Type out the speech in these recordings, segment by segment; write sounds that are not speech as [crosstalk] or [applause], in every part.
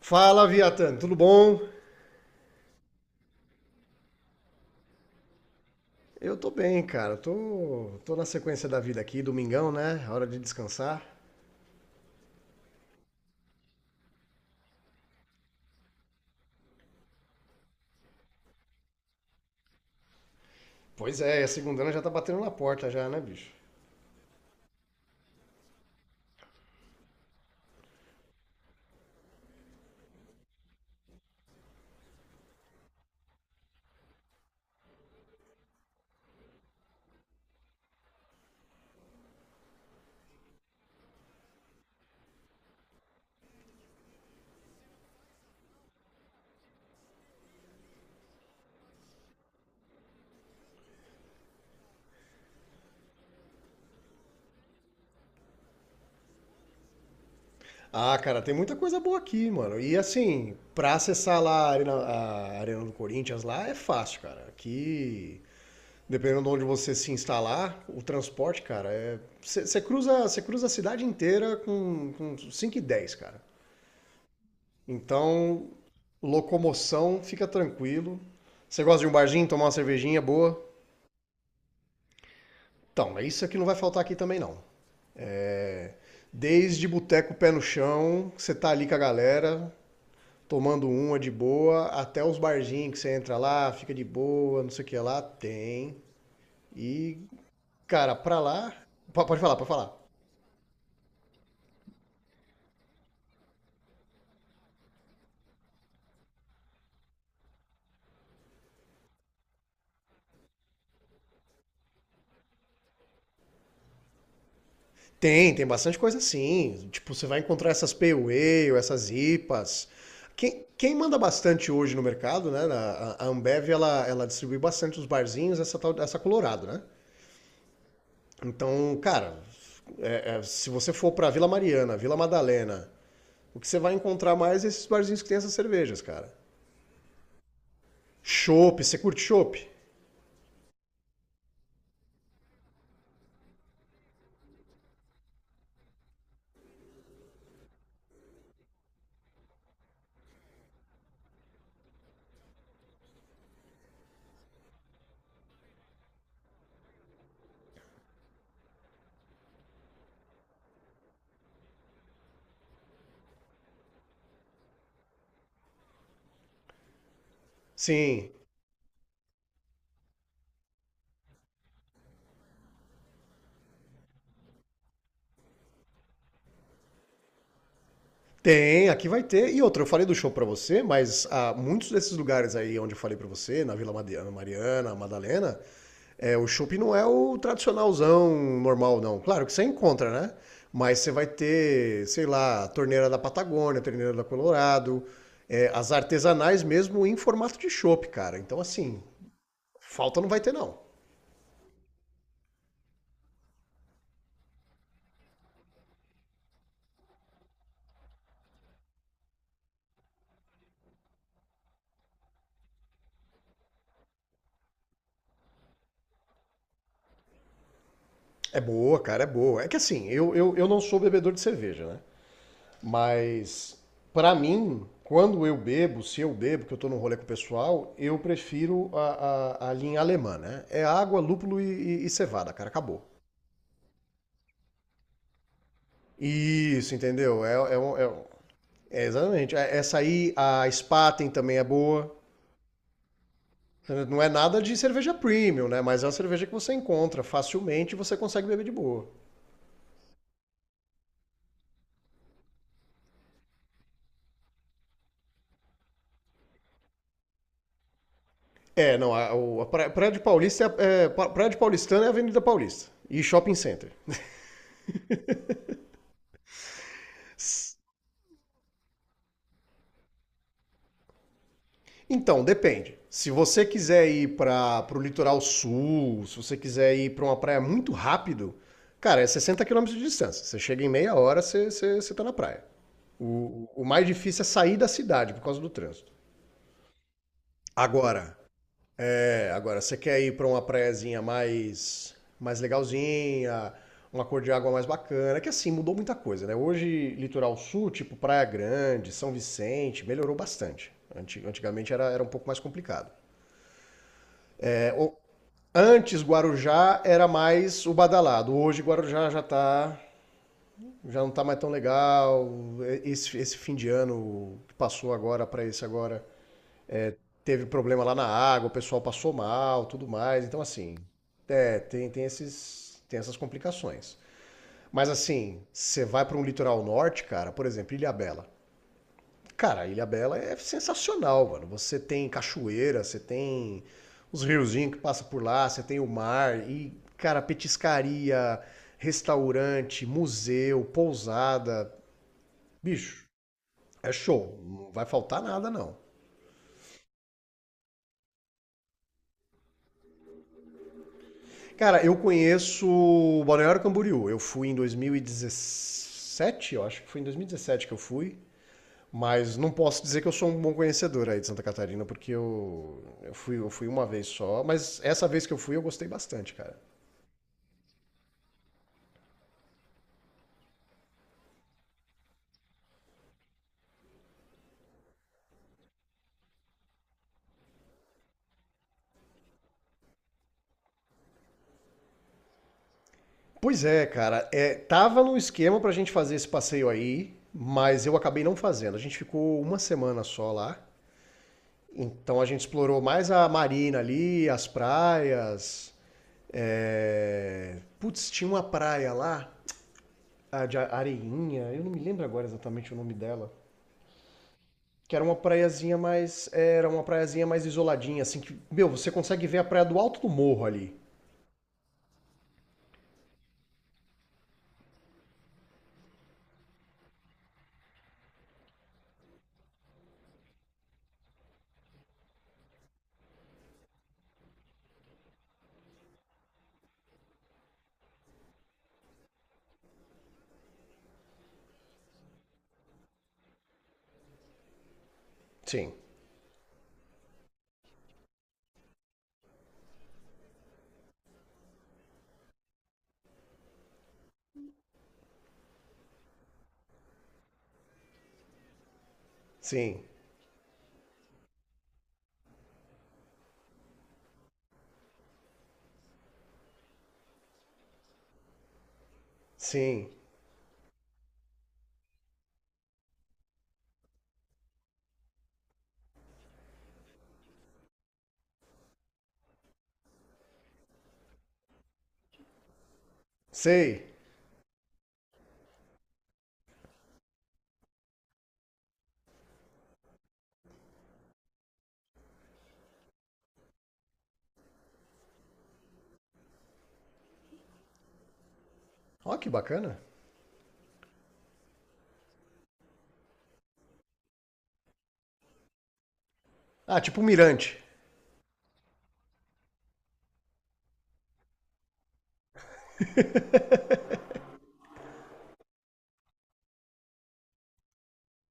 Fala, Viatan, tudo bom? Eu tô bem, cara. Tô na sequência da vida aqui, domingão, né? Hora de descansar. Pois é, a segunda já tá batendo na porta já, né, bicho? Ah, cara, tem muita coisa boa aqui, mano. E assim, pra acessar lá a Arena do Corinthians lá é fácil, cara. Aqui, dependendo de onde você se instalar, o transporte, cara, é. Você cruza a cidade inteira com 5 e 10, cara. Então, locomoção, fica tranquilo. Você gosta de um barzinho, tomar uma cervejinha boa? Então, é isso que não vai faltar aqui também não. Desde boteco pé no chão, que você tá ali com a galera, tomando uma de boa, até os barzinhos que você entra lá, fica de boa, não sei o que lá, tem. E, cara, pra lá... Pode falar, pode falar. Tem, tem bastante coisa assim. Tipo, você vai encontrar essas Pale Ale, essas IPAs. Quem manda bastante hoje no mercado, né? A Ambev, ela distribui bastante os barzinhos, essa, essa Colorado, né? Então, cara, é, se você for pra Vila Mariana, Vila Madalena, o que você vai encontrar mais é esses barzinhos que tem essas cervejas, cara. Chopp, você curte chopp? Sim. Tem, aqui vai ter. E outra, eu falei do show pra você, mas ah, muitos desses lugares aí onde eu falei pra você, na Vila Madiana, Mariana, Madalena, é, o shopping não é o tradicionalzão normal, não. Claro que você encontra, né? Mas você vai ter, sei lá, a torneira da Patagônia, a torneira da Colorado, é, as artesanais mesmo em formato de chopp, cara. Então, assim, falta não vai ter, não. É boa, cara, é boa. É que assim, eu não sou bebedor de cerveja, né? Mas, para mim, quando eu bebo, se eu bebo, que eu estou no rolê com o pessoal, eu prefiro a, a linha alemã, né? É água, lúpulo e, e cevada, cara, acabou. Isso, entendeu? É, é é exatamente. Essa aí, a Spaten também é boa. Não é nada de cerveja premium, né? Mas é uma cerveja que você encontra facilmente e você consegue beber de boa. É, não, a, a Praia de Paulista é, é, Praia de Paulistana é a Avenida Paulista e Shopping Center. [laughs] Então, depende. Se você quiser ir para o litoral sul, se você quiser ir para uma praia muito rápido, cara, é 60 quilômetros de distância. Você chega em meia hora, você tá na praia. O mais difícil é sair da cidade por causa do trânsito. Agora, é, agora você quer ir para uma praiazinha mais, mais legalzinha, uma cor de água mais bacana, que assim, mudou muita coisa, né? Hoje, litoral sul, tipo Praia Grande, São Vicente, melhorou bastante. Antigamente era, era um pouco mais complicado. É, Antes Guarujá era mais o badalado. Hoje Guarujá já tá, já não tá mais tão legal. Esse fim de ano que passou agora para esse agora teve problema lá na água, o pessoal passou mal, tudo mais. Então assim, é, tem essas complicações. Mas assim, você vai para um litoral norte, cara, por exemplo, Ilhabela. Cara, Ilha Bela é sensacional, mano. Você tem cachoeira, você tem os riozinhos que passam por lá, você tem o mar e, cara, petiscaria, restaurante, museu, pousada. Bicho, é show. Não vai faltar nada, não. Cara, eu conheço Balneário Camboriú. Eu fui em 2017, eu acho que foi em 2017 que eu fui. Mas não posso dizer que eu sou um bom conhecedor aí de Santa Catarina, porque eu fui uma vez só, mas essa vez que eu fui eu gostei bastante, cara. Pois é, cara, é, tava no esquema pra gente fazer esse passeio aí, mas eu acabei não fazendo. A gente ficou uma semana só lá, então a gente explorou mais a marina ali, as praias. É, putz, tinha uma praia lá, a de Areinha, eu não me lembro agora exatamente o nome dela. Que era uma praiazinha mais. Era uma praiazinha mais isoladinha, assim, que. Meu, você consegue ver a praia do alto do morro ali. Sim, sim, sim. Sei. Ó, que bacana. Ah, tipo um mirante.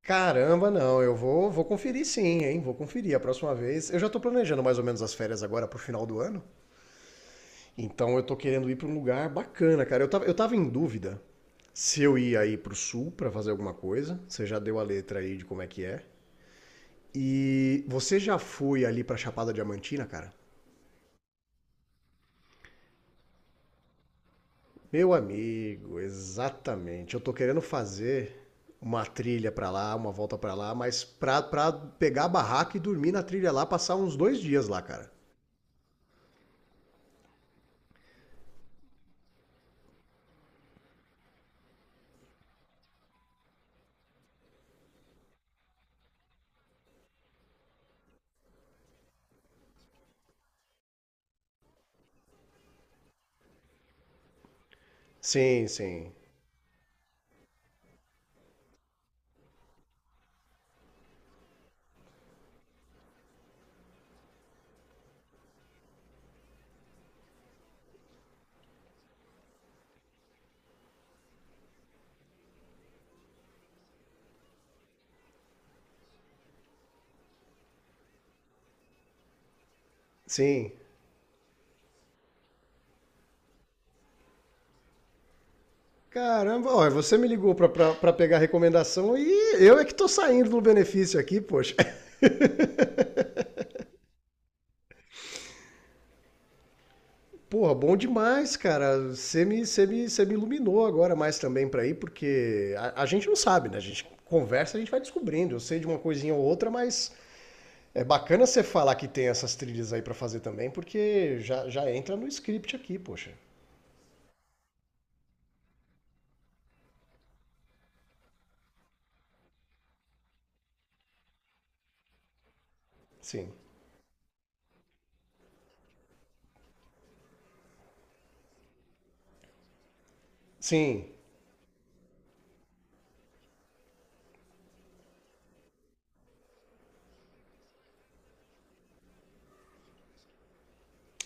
Caramba, não, vou conferir sim, hein? Vou conferir a próxima vez. Eu já tô planejando mais ou menos as férias agora pro final do ano. Então eu tô querendo ir pra um lugar bacana, cara. Eu tava em dúvida se eu ia aí pro sul pra fazer alguma coisa. Você já deu a letra aí de como é que é. E você já foi ali pra Chapada Diamantina, cara? Meu amigo, exatamente. Eu tô querendo fazer uma trilha pra lá, uma volta pra lá, mas pra pegar a barraca e dormir na trilha lá, passar uns dois dias lá, cara. Sim, sim. Sim. Caramba, ó, você me ligou pra pegar a recomendação e eu é que tô saindo do benefício aqui, poxa. Porra, bom demais, cara. Você me iluminou agora mais também pra ir, porque a gente não sabe, né? A gente conversa, a gente vai descobrindo. Eu sei de uma coisinha ou outra, mas é bacana você falar que tem essas trilhas aí pra fazer também, porque já entra no script aqui, poxa. Sim. Sim.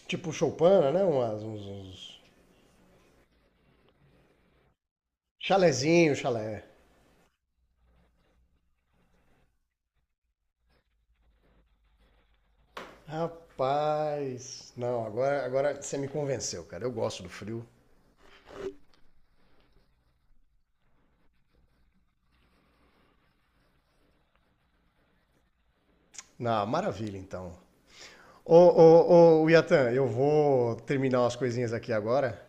Tipo Choupana, né? Umas, uns... Chalezinho, chalé. Rapaz. Não, agora você me convenceu, cara. Eu gosto do frio. Na maravilha, então. Yatan, eu vou terminar umas coisinhas aqui agora,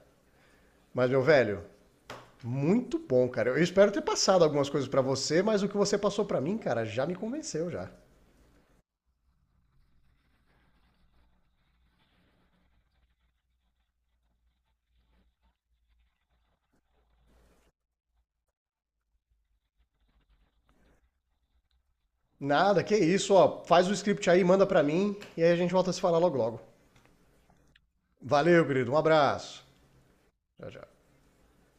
mas meu velho, muito bom, cara. Eu espero ter passado algumas coisas pra você, mas o que você passou pra mim, cara, já me convenceu já. Nada, que isso, ó. Faz o script aí, manda pra mim e aí a gente volta a se falar logo logo. Valeu, querido. Um abraço. Tchau, tchau.